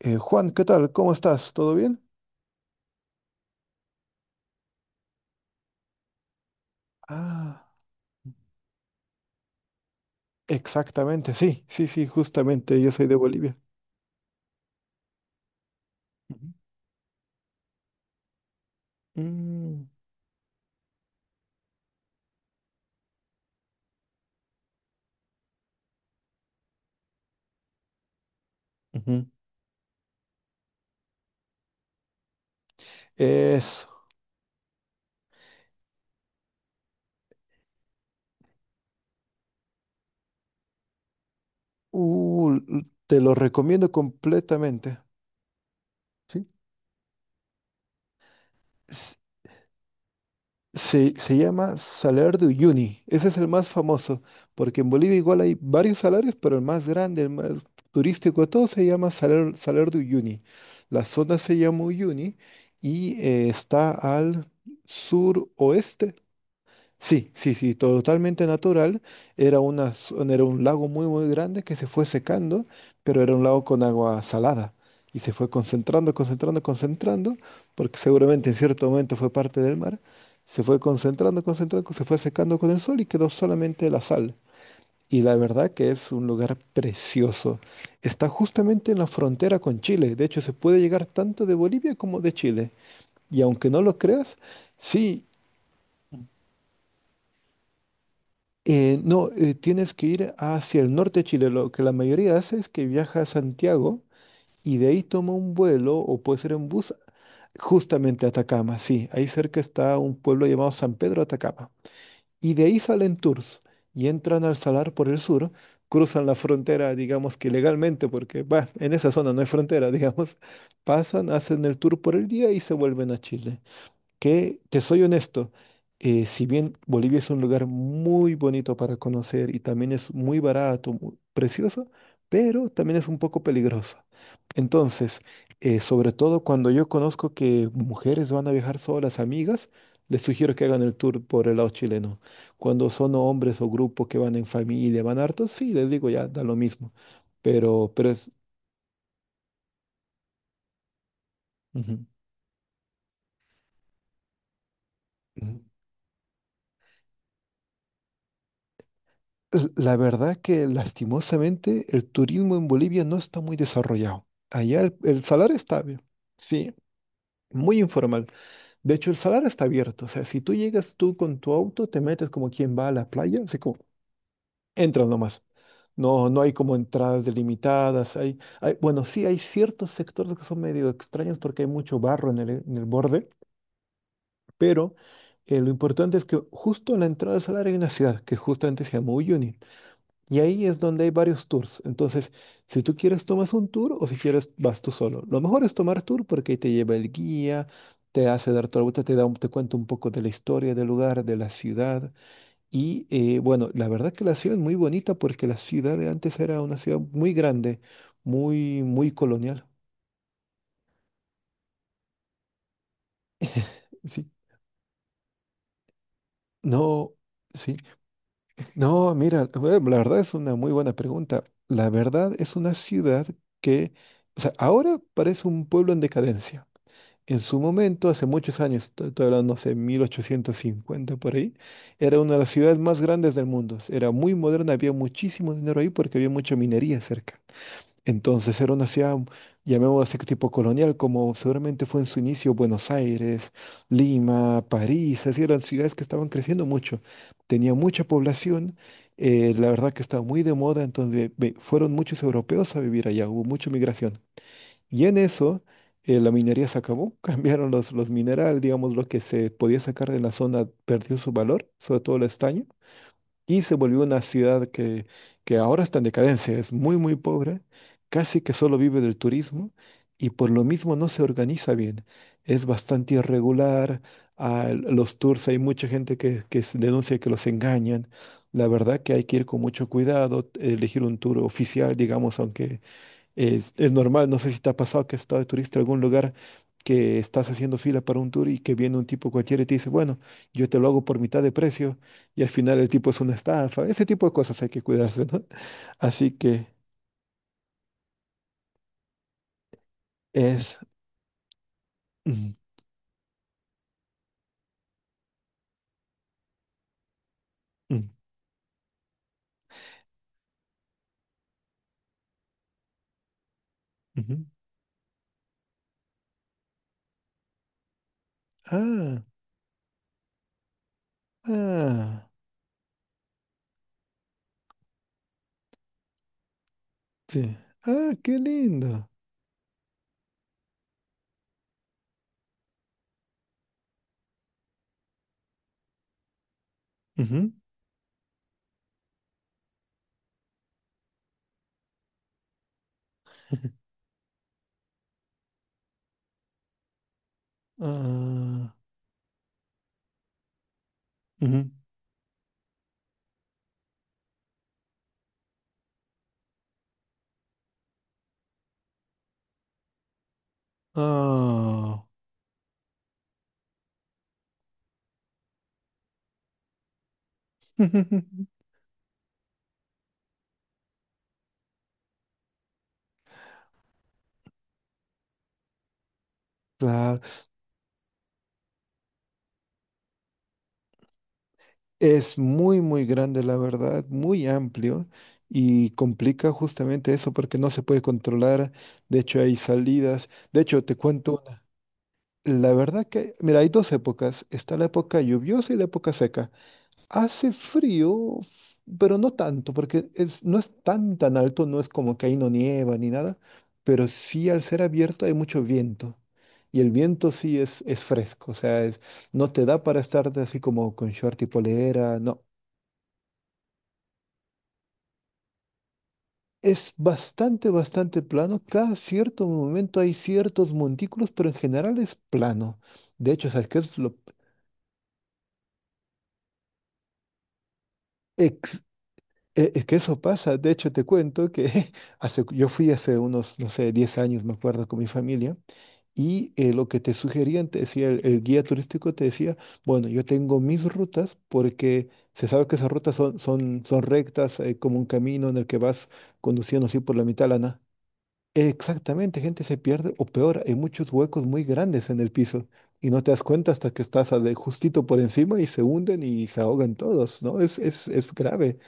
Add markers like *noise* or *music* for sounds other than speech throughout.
Juan, ¿qué tal? ¿Cómo estás? ¿Todo bien? Ah, exactamente, sí, sí, sí, justamente, yo soy de Bolivia. Ujú. Mm, ujú. Es, Te lo recomiendo completamente. ¿Sí? S- se llama Salar de Uyuni, ese es el más famoso, porque en Bolivia igual hay varios salarios, pero el más grande, el más turístico de todos se llama Salar de Uyuni. La zona se llama Uyuni y está al suroeste. Sí, sí, sí, totalmente natural. Era un lago muy, muy grande que se fue secando, pero era un lago con agua salada y se fue concentrando, concentrando, concentrando, porque seguramente en cierto momento fue parte del mar. Se fue concentrando, concentrando, se fue secando con el sol y quedó solamente la sal. Y la verdad que es un lugar precioso. Está justamente en la frontera con Chile. De hecho, se puede llegar tanto de Bolivia como de Chile. Y aunque no lo creas, sí. No, tienes que ir hacia el norte de Chile. Lo que la mayoría hace es que viaja a Santiago y de ahí toma un vuelo o puede ser en bus justamente a Atacama. Sí, ahí cerca está un pueblo llamado San Pedro de Atacama. Y de ahí salen tours y entran al Salar por el sur, cruzan la frontera, digamos que legalmente, porque bah, en esa zona no hay frontera, *laughs* digamos. Pasan, hacen el tour por el día y se vuelven a Chile que, te soy honesto, si bien Bolivia es un lugar muy bonito para conocer y también es muy barato, precioso, pero también es un poco peligroso. Entonces, sobre todo cuando yo conozco que mujeres van a viajar solas, amigas, les sugiero que hagan el tour por el lado chileno. Cuando son hombres o grupos que van en familia, van hartos, sí, les digo ya, da lo mismo. Pero. Ujú, ujú. La verdad que lastimosamente el turismo en Bolivia no está muy desarrollado. Allá el salar está bien, sí, muy informal. De hecho, el salar está abierto. O sea, si tú llegas tú con tu auto, te metes como quien va a la playa, así como entras nomás. No, no hay como entradas delimitadas. Hay, bueno, sí hay ciertos sectores que son medio extraños porque hay mucho barro en el borde, pero lo importante es que justo en la entrada del salar hay una ciudad que justamente se llama Uyuni. Y ahí es donde hay varios tours. Entonces, si tú quieres, tomas un tour o si quieres, vas tú solo. Lo mejor es tomar tour porque ahí te lleva el guía, te hace dar toda la vuelta, te da un- te cuenta un poco de la historia del lugar, de la ciudad. Y bueno, la verdad que la ciudad es muy bonita porque la ciudad de antes era una ciudad muy grande, muy, muy colonial. Sí. No, sí. No, mira, la verdad es una muy buena pregunta. La verdad es una ciudad que, o sea, ahora parece un pueblo en decadencia. En su momento, hace muchos años, estoy hablando hace 1850 por ahí, era una de las ciudades más grandes del mundo. Era muy moderna, había muchísimo dinero ahí porque había mucha minería cerca. Entonces era una ciudad, llamémosla así, tipo colonial, como seguramente fue en su inicio Buenos Aires, Lima, París, así eran ciudades que estaban creciendo mucho. Tenía mucha población, la verdad que estaba muy de moda, entonces fueron muchos europeos a vivir allá, hubo mucha migración. Y en eso, la minería se acabó, *laughs* cambiaron los minerales, digamos, lo que se podía sacar de la zona perdió su valor, sobre todo el estaño, y se volvió una ciudad que, ahora está en decadencia, es muy, muy pobre, casi que solo vive del turismo, y por lo mismo no se organiza bien, es bastante irregular, los tours hay mucha gente que se denuncia que los engañan, la verdad que hay que ir con mucho cuidado, elegir un tour oficial, digamos, aunque es normal, no sé si te ha pasado que has estado de turista en algún lugar que estás haciendo fila para un tour y que viene un tipo cualquiera y te dice, bueno, yo te lo hago por mitad de precio y al final el tipo es una estafa. Ese tipo de cosas hay que cuidarse, ¿no? *laughs* Así que es... mm, mm, ujú. Ah, ah, sí. Ah, qué lindo. Ujú, ah, ujú, ah. *laughs* Claro. Es muy, muy grande, la verdad, muy amplio y complica justamente eso porque no se puede controlar. De hecho, hay salidas. De hecho, te cuento una. La verdad que, mira, hay dos épocas. Está la época lluviosa y la época seca. Hace frío, pero no tanto porque no es tan, tan alto, no es como que ahí no nieva ni nada, pero sí al ser abierto hay mucho viento. Y el viento sí es fresco, o sea, no te da para estar de así como con short y polera, no. Es bastante, bastante plano. Cada cierto momento hay ciertos montículos, pero en general es plano. De hecho, ¿sabes qué es lo ex- es que eso pasa. De hecho, te cuento que *laughs* hace, yo fui hace unos, no sé, 10 años, me acuerdo, con mi familia, y lo que te sugerían, te decía, el guía turístico te decía, bueno, yo tengo mis rutas porque se sabe que esas rutas son rectas, como un camino en el que vas conduciendo así por la mitad de la lana. Exactamente, gente se pierde o peor, hay muchos huecos muy grandes en el piso y no te das cuenta hasta que estás justito por encima y se hunden y se ahogan todos, ¿no? Es grave.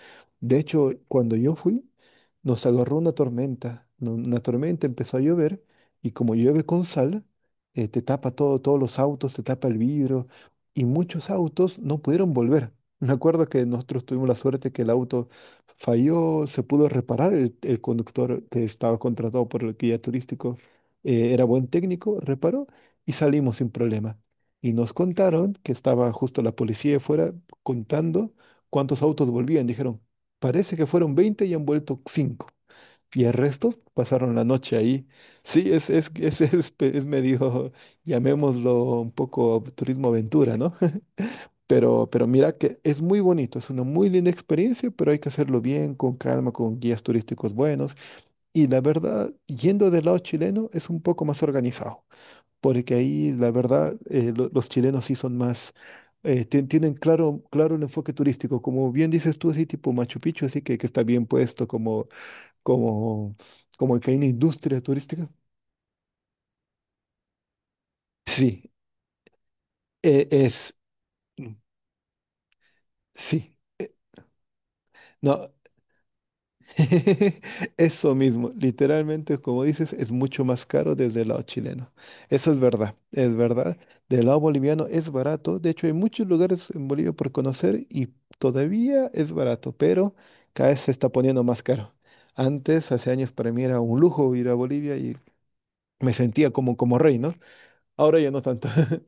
De hecho, cuando yo fui, nos agarró una tormenta, una tormenta empezó a llover y como llueve con sal, te tapa todo, todos los autos, te tapa el vidrio y muchos autos no pudieron volver. Me acuerdo que nosotros tuvimos la suerte que el auto falló, se pudo reparar el conductor que estaba contratado por el guía turístico, era buen técnico, reparó y salimos sin problema. Y nos contaron que estaba justo la policía afuera contando cuántos autos volvían. Dijeron, parece que fueron 20 y han vuelto 5. Y el resto pasaron la noche ahí. Sí, *laughs* es medio, llamémoslo un poco turismo aventura, ¿no? Pero mira que es muy bonito, es una muy linda experiencia, pero hay que hacerlo bien, con calma, con guías turísticos buenos. Y la verdad, yendo del lado chileno, es un poco más organizado, porque ahí la verdad, los chilenos sí son más, tienen claro el enfoque turístico, como bien dices tú, así tipo Machu Picchu, así que está bien puesto, como, como que hay una industria turística. Sí, eh, es, mm, sí. No, *laughs* eso mismo, literalmente, como dices, es mucho más caro desde el lado chileno. Eso es verdad, es verdad. Del lado boliviano es barato. De hecho, hay muchos lugares en Bolivia por conocer y todavía es barato, pero cada vez se está poniendo más caro. Antes, hace años, para mí era un lujo ir a Bolivia y me sentía como, como rey, ¿no? Ahora ya no tanto. *laughs*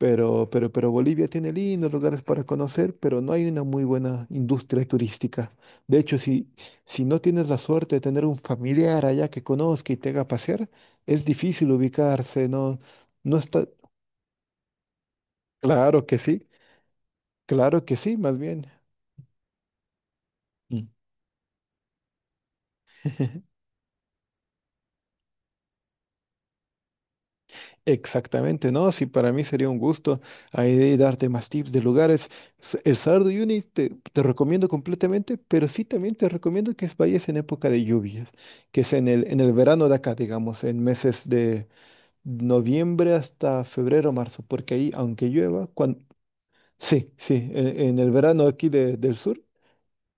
Pero Bolivia tiene lindos lugares para conocer, pero no hay una muy buena industria turística. De hecho, si, si no tienes la suerte de tener un familiar allá que conozca y te haga pasear, es difícil ubicarse, no, no está. Claro que sí, claro que sí, más bien. Mm. *laughs* Exactamente, no, sí, para mí sería un gusto ahí de darte más tips de lugares. El Salar de Uyuni te recomiendo completamente, pero sí también te recomiendo que vayas en época de lluvias, que es en el verano de acá, digamos, en meses de noviembre hasta febrero, marzo, porque ahí, aunque llueva, cuando... Sí, sí, en el verano aquí del sur,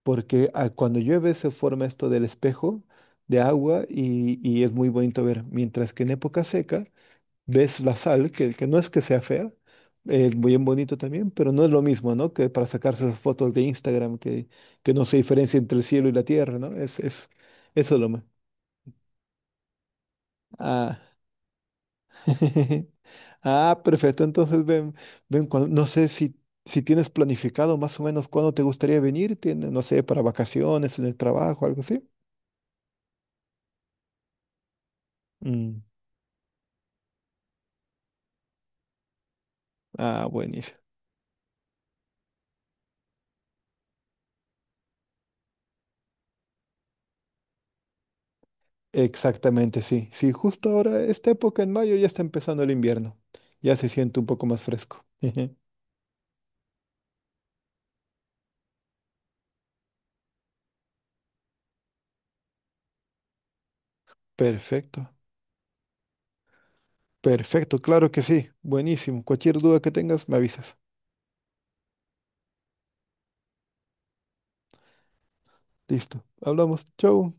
porque cuando llueve se forma esto del espejo de agua y es muy bonito ver, mientras que en época seca ves la sal, que, no es que sea fea, es muy bien bonito también, pero no es lo mismo, ¿no? Que para sacarse esas fotos de Instagram, que no se diferencia entre el cielo y la tierra, ¿no? Eso es lo más. Ah, *laughs* ah, perfecto. Entonces, ven, ven, no sé si tienes planificado más o menos cuándo te gustaría venir, tiene, no sé, para vacaciones, en el trabajo, algo así. Mm, ah, buenísimo. Exactamente, sí. Sí, justo ahora, esta época en mayo ya está empezando el invierno. Ya se siente un poco más fresco. *laughs* Perfecto. Perfecto, claro que sí. Buenísimo. Cualquier duda que tengas, me avisas. Listo. Hablamos. Chau.